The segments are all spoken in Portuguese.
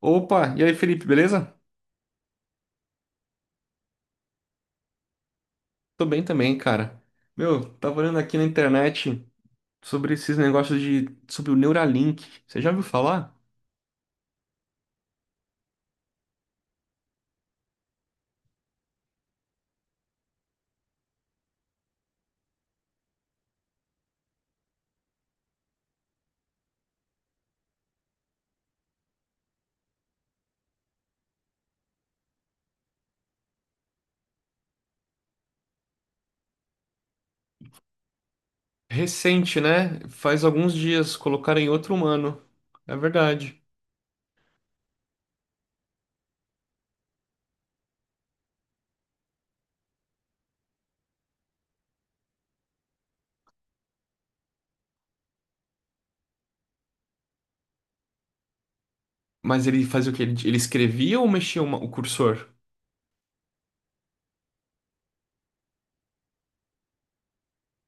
Opa, e aí, Felipe, beleza? Tô bem também, cara. Meu, tava olhando aqui na internet sobre esses sobre o Neuralink. Você já ouviu falar? Recente, né? Faz alguns dias colocaram em outro humano. É verdade. Mas ele fazia o quê? Ele escrevia ou o cursor?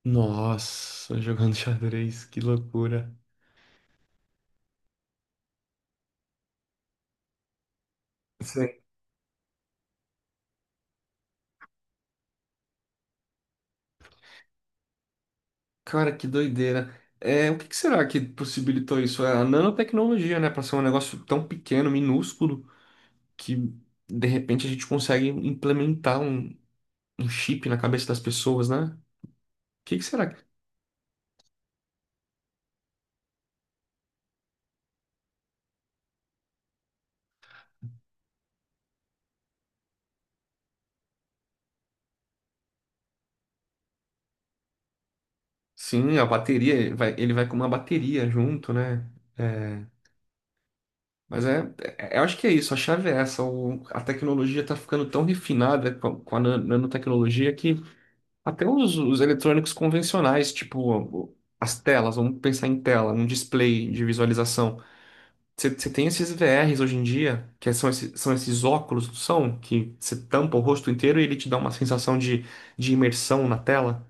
Nossa, jogando xadrez, que loucura. Sim. Cara, que doideira. É, o que que será que possibilitou isso? É a nanotecnologia, né? Pra ser um negócio tão pequeno, minúsculo, que de repente a gente consegue um chip na cabeça das pessoas, né? O que que será? Sim, a bateria, ele vai com uma bateria junto, né? É, eu acho que é isso, a chave é essa. A tecnologia está ficando tão refinada com a nanotecnologia que até os eletrônicos convencionais, tipo as telas, vamos pensar em tela, um display de visualização. Você tem esses VRs hoje em dia, que são esses óculos, não são? Que você tampa o rosto inteiro e ele te dá uma sensação de imersão na tela.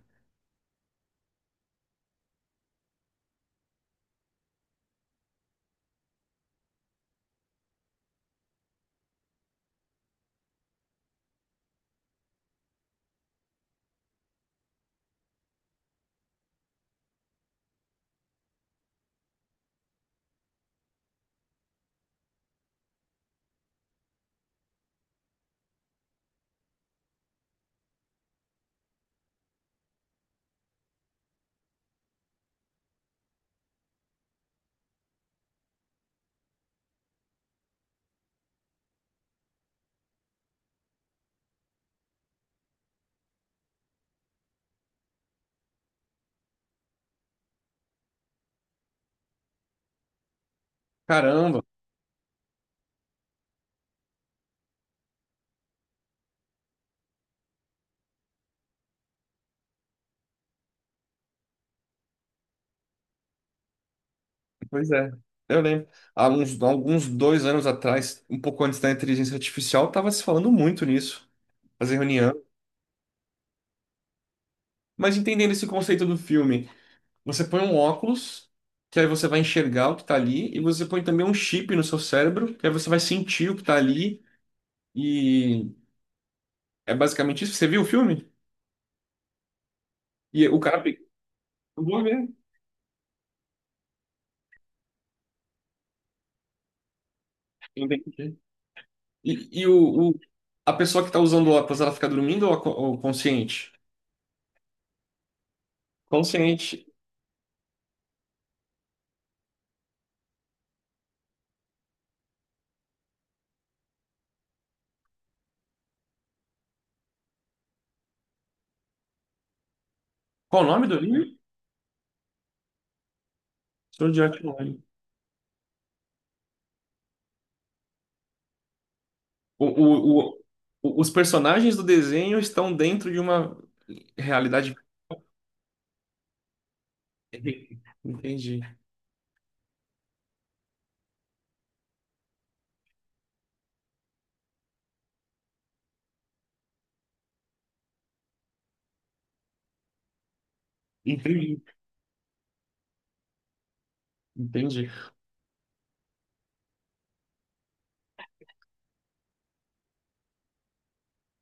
Caramba, pois é. Eu lembro. Há alguns dois anos atrás, um pouco antes da inteligência artificial, estava se falando muito nisso, fazer reunião. Mas entendendo esse conceito do filme, você põe um óculos, que aí você vai enxergar o que está ali, e você põe também um chip no seu cérebro, que aí você vai sentir o que está ali, e é basicamente isso. Você viu o filme? E o cara, eu vou ver, entendi. E, e o, o- a pessoa que está usando óculos, ela fica dormindo ou, ou consciente? Consciente. Qual o nome do livro? Sword Art Online. O, o, o- os personagens do desenho estão dentro de uma realidade. Entendi. Entendi. Entendi.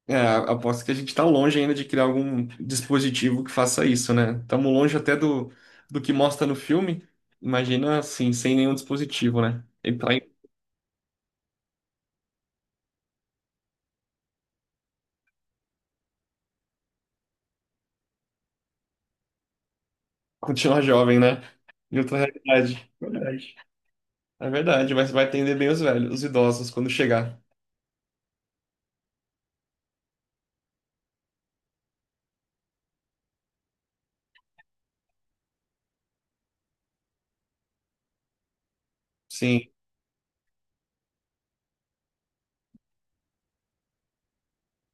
É, aposto que a gente está longe ainda de criar algum dispositivo que faça isso, né? Estamos longe até do que mostra no filme. Imagina assim, sem nenhum dispositivo, né? Entrar. Continuar jovem, né? Em outra realidade. Verdade. É verdade, mas vai atender bem os velhos, os idosos, quando chegar. Sim.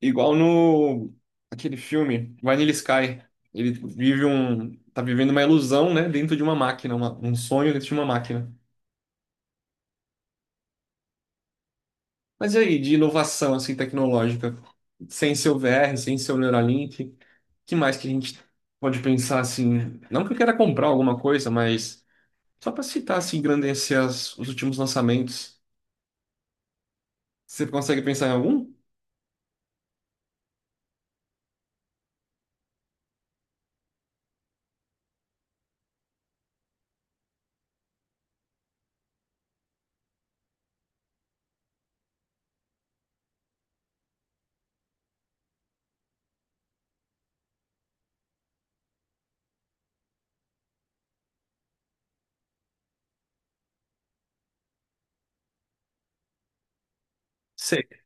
Igual no... Aquele filme, Vanilla Sky. Ele vive um... Tá vivendo uma ilusão, né? Dentro de uma máquina. Um sonho dentro de uma máquina. Mas e aí, de inovação, assim, tecnológica? Sem seu VR, sem seu Neuralink. Que mais que a gente pode pensar, assim... Não que eu queira comprar alguma coisa, mas... Só para citar, assim, engrandecer os últimos lançamentos. Você consegue pensar em algum? Sei.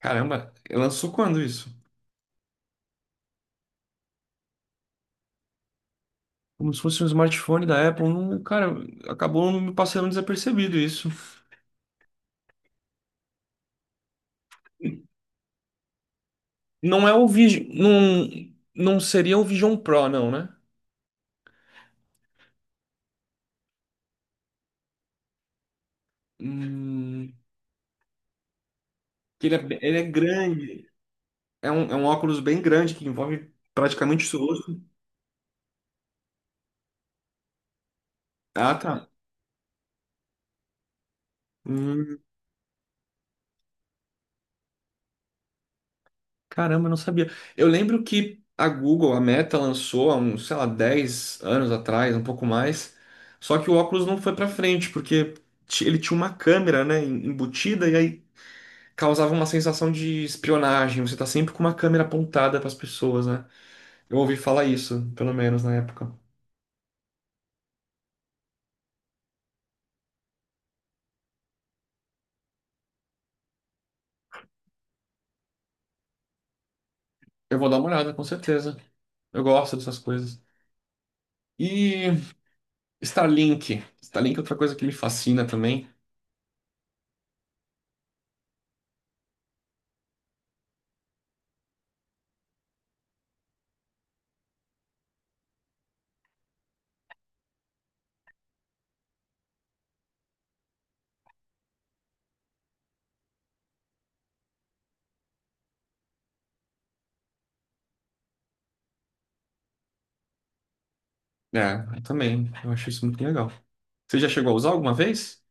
Caramba, lançou quando isso? Como se fosse um smartphone da Apple. Não, cara, acabou me passando desapercebido isso. Não é o Vision. Não, não seria o Vision Pro, não, né? Hum, que ele é, ele é grande. É um óculos bem grande que envolve praticamente o seu rosto. Ah, tá. Caramba, eu não sabia. Eu lembro que a Google, a Meta, lançou há uns, sei lá, 10 anos atrás, um pouco mais. Só que o óculos não foi pra frente, porque ele tinha uma câmera, né, embutida, e aí causava uma sensação de espionagem. Você tá sempre com uma câmera apontada pras pessoas, né? Eu ouvi falar isso, pelo menos na época. Eu vou dar uma olhada, com certeza. Eu gosto dessas coisas. E Starlink. Starlink é outra coisa que me fascina também. É, eu também. Eu acho isso muito legal. Você já chegou a usar alguma vez?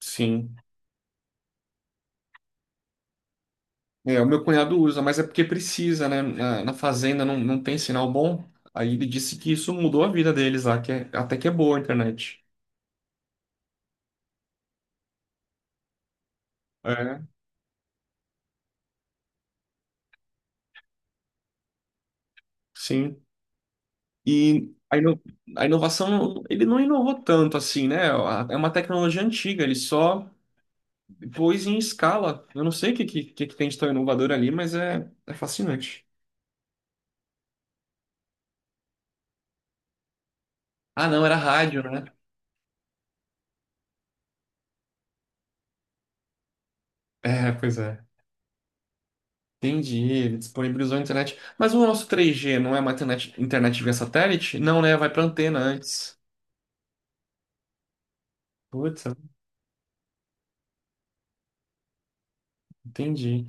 Sim. É, o meu cunhado usa, mas é porque precisa, né? Na fazenda não tem sinal bom. Aí ele disse que isso mudou a vida deles lá, até que é boa a internet. É, sim. E a, ino- a inovação, ele não inovou tanto assim, né? É uma tecnologia antiga, ele só pôs em escala. Eu não sei o que, que tem de tão inovador ali, mas é, é fascinante. Ah, não, era rádio, né? É, pois é. Entendi, ele disponibilizou a internet. Mas o nosso 3G não é uma internet via satélite? Não, né? Vai para antena antes. Putz, entendi.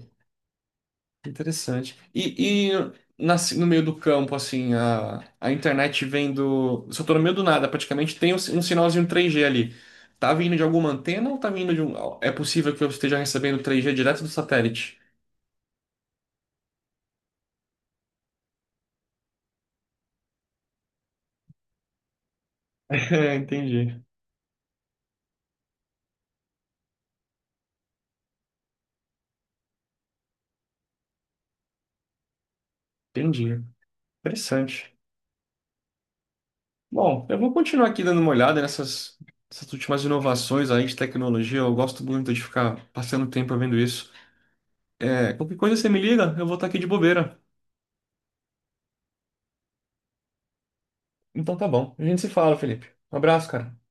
Interessante. No meio do campo, assim, a internet vem do. Só tô no meio do nada, praticamente tem um, um sinalzinho 3G ali. Tá vindo de alguma antena ou tá vindo de um. É possível que eu esteja recebendo 3G direto do satélite? É, entendi. Entendi. Interessante. Bom, eu vou continuar aqui dando uma olhada nessas, nessas últimas inovações aí de tecnologia. Eu gosto muito de ficar passando tempo vendo isso. É, qualquer coisa você me liga, eu vou estar aqui de bobeira. Então tá bom. A gente se fala, Felipe. Um abraço, cara.